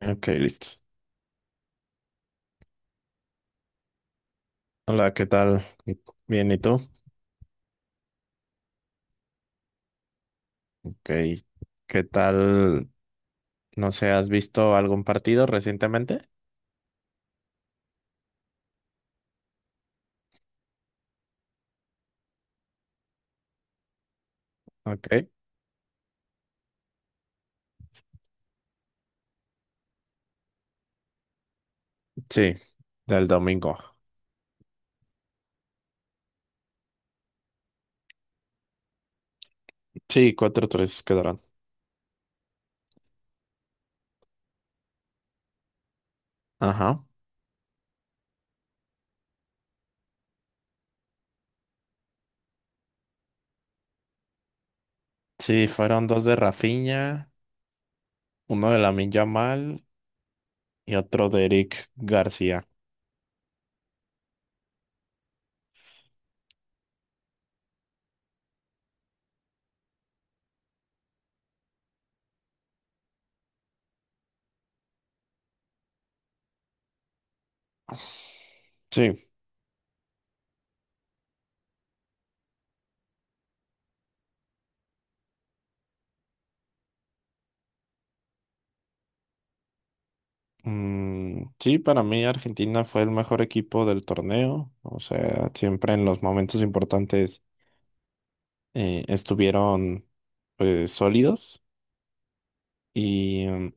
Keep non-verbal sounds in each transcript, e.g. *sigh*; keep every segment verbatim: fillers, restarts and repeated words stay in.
Ok, listo. Hola, ¿qué tal? Y- Bien, ¿y tú? Ok, ¿qué tal? No sé, ¿has visto algún partido recientemente? Ok, sí, del domingo. Sí, cuatro tres quedarán. Ajá. Sí, fueron dos de Rafinha, uno de Lamine Yamal y otro de Eric García. Sí, mm, sí, para mí Argentina fue el mejor equipo del torneo. O sea, siempre en los momentos importantes eh, estuvieron, pues, sólidos. Y mm,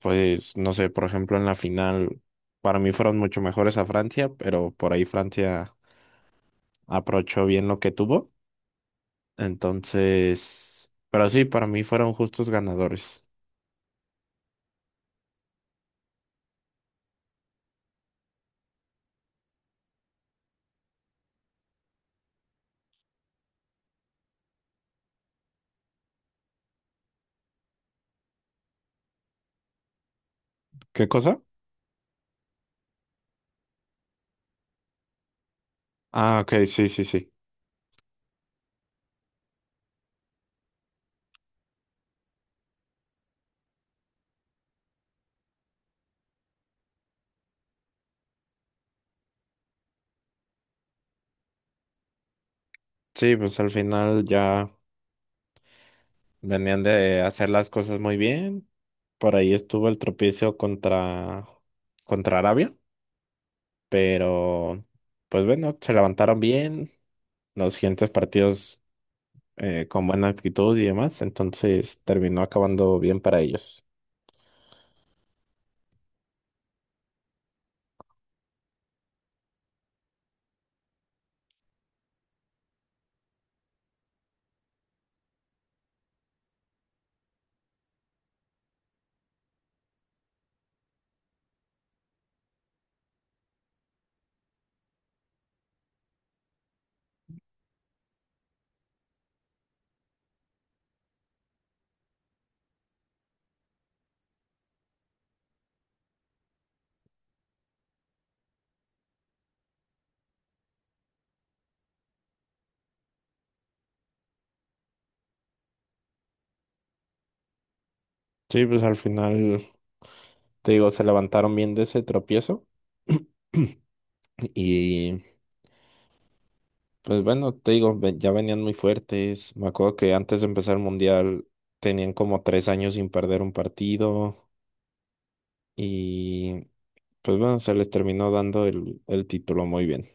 pues, no sé, por ejemplo, en la final, para mí fueron mucho mejores a Francia, pero por ahí Francia aprovechó bien lo que tuvo. Entonces, pero sí, para mí fueron justos ganadores. ¿Qué cosa? Ah, ok, sí, sí, sí. Sí, pues al final ya venían de hacer las cosas muy bien. Por ahí estuvo el tropiezo contra, contra Arabia, pero pues bueno, se levantaron bien. Los siguientes partidos. Eh, con buena actitud y demás, entonces terminó acabando bien para ellos. Sí, pues al final, te digo, se levantaron bien de ese tropiezo y pues bueno, te digo, ve- ya venían muy fuertes. Me acuerdo que antes de empezar el mundial tenían como tres años sin perder un partido y pues bueno, se les terminó dando el, el título muy bien.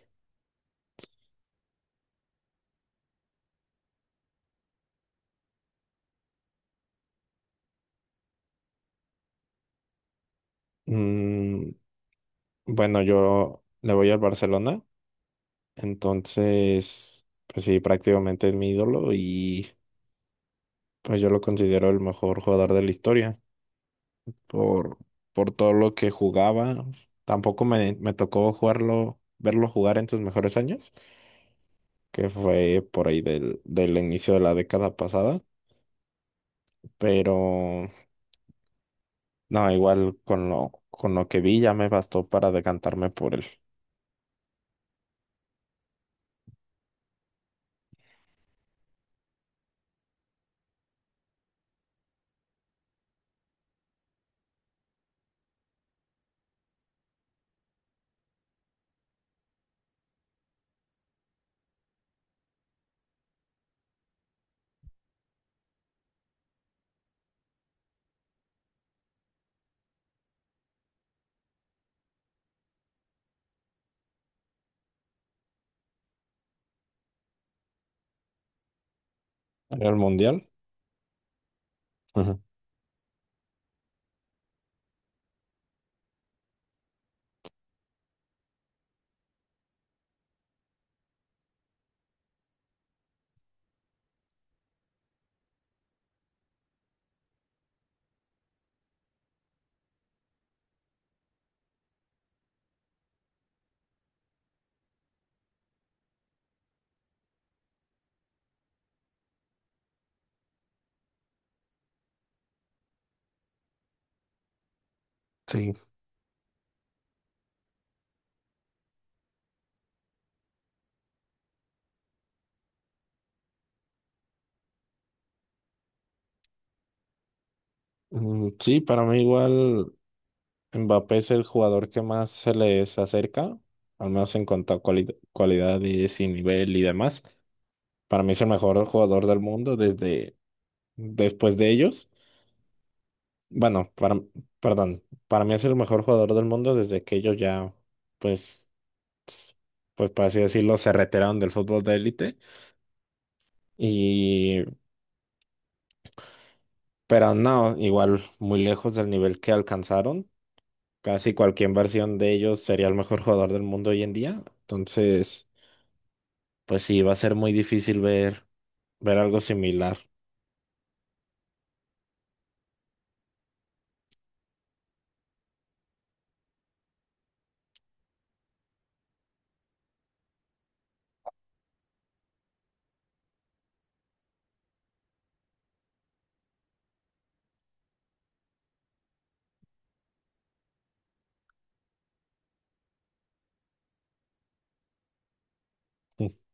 Mm, bueno, yo le voy al Barcelona, entonces, pues sí, prácticamente es mi ídolo y pues yo lo considero el mejor jugador de la historia por, por todo lo que jugaba. Tampoco me, me tocó jugarlo, verlo jugar en sus mejores años, que fue por ahí del, del inicio de la década pasada, pero no, igual con lo, con lo que vi ya me bastó para decantarme por el, el Mundial. *laughs* Ujú. Sí. Mm, sí, para mí igual Mbappé es el jugador que más se les acerca, al menos en cuanto a cuali- cualidades y nivel y demás. Para mí es el mejor jugador del mundo desde después de ellos. Bueno, para, perdón, para mí es el mejor jugador del mundo desde que ellos ya, pues, s- pues por así decirlo, se retiraron del fútbol de élite. Y pero no, igual muy lejos del nivel que alcanzaron. Casi cualquier versión de ellos sería el mejor jugador del mundo hoy en día. Entonces, pues sí, va a ser muy difícil ver, ver algo similar. *laughs*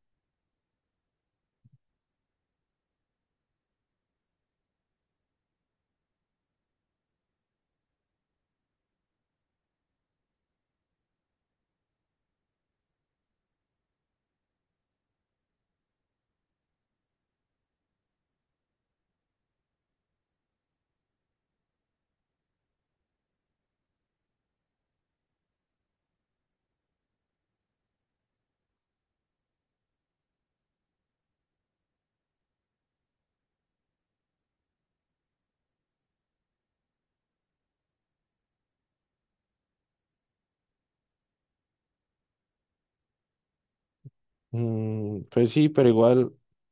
Mm, pues sí, pero igual,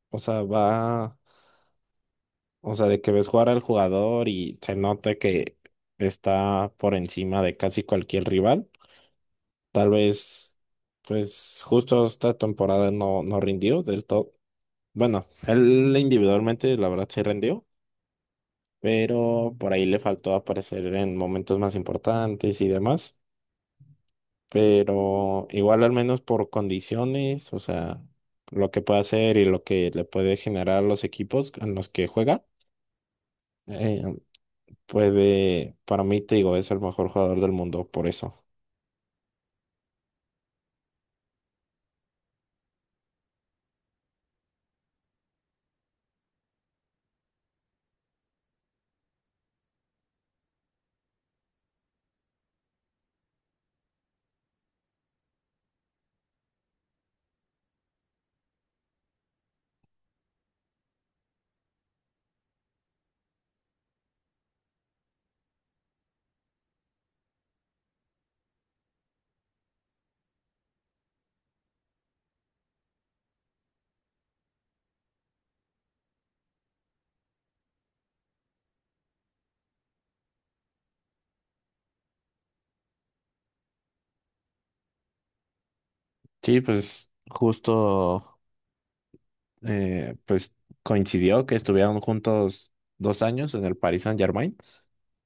o sea, va, o sea, de que ves jugar al jugador y se nota que está por encima de casi cualquier rival. Tal vez, pues justo esta temporada no, no rindió del todo. Bueno, él individualmente, la verdad, sí rindió, pero por ahí le faltó aparecer en momentos más importantes y demás. Pero igual al menos por condiciones, o sea, lo que puede hacer y lo que le puede generar a los equipos en los que juega, eh, puede, para mí te digo, es el mejor jugador del mundo por eso. Sí, pues justo. Eh, pues coincidió que estuvieron juntos dos años en el Paris Saint-Germain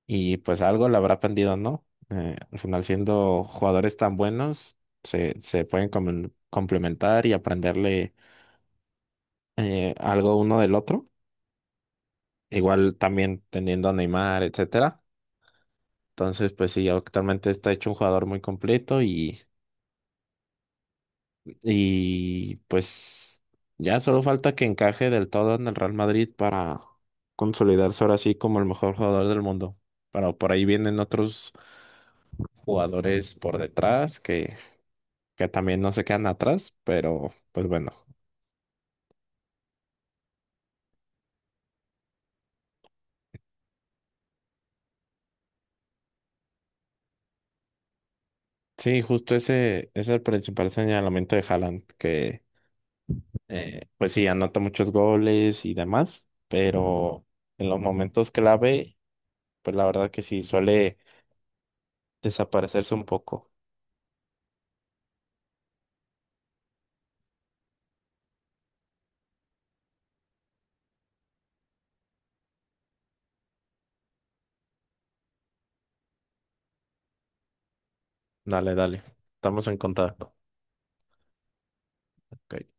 y pues algo le habrá aprendido, ¿no? Eh, al final siendo jugadores tan buenos, se, se pueden comen- complementar y aprenderle eh, algo uno del otro. Igual también teniendo a Neymar, etcétera. Entonces, pues sí, actualmente está hecho un jugador muy completo y Y pues ya solo falta que encaje del todo en el Real Madrid para consolidarse ahora sí como el mejor jugador del mundo. Pero por ahí vienen otros jugadores por detrás que, que también no se quedan atrás, pero pues bueno. Sí, justo ese es el principal señalamiento de Haaland, que eh, pues sí, anota muchos goles y demás, pero en los momentos clave, pues la verdad que sí, suele desaparecerse un poco. Dale, dale, estamos en contacto. Ok.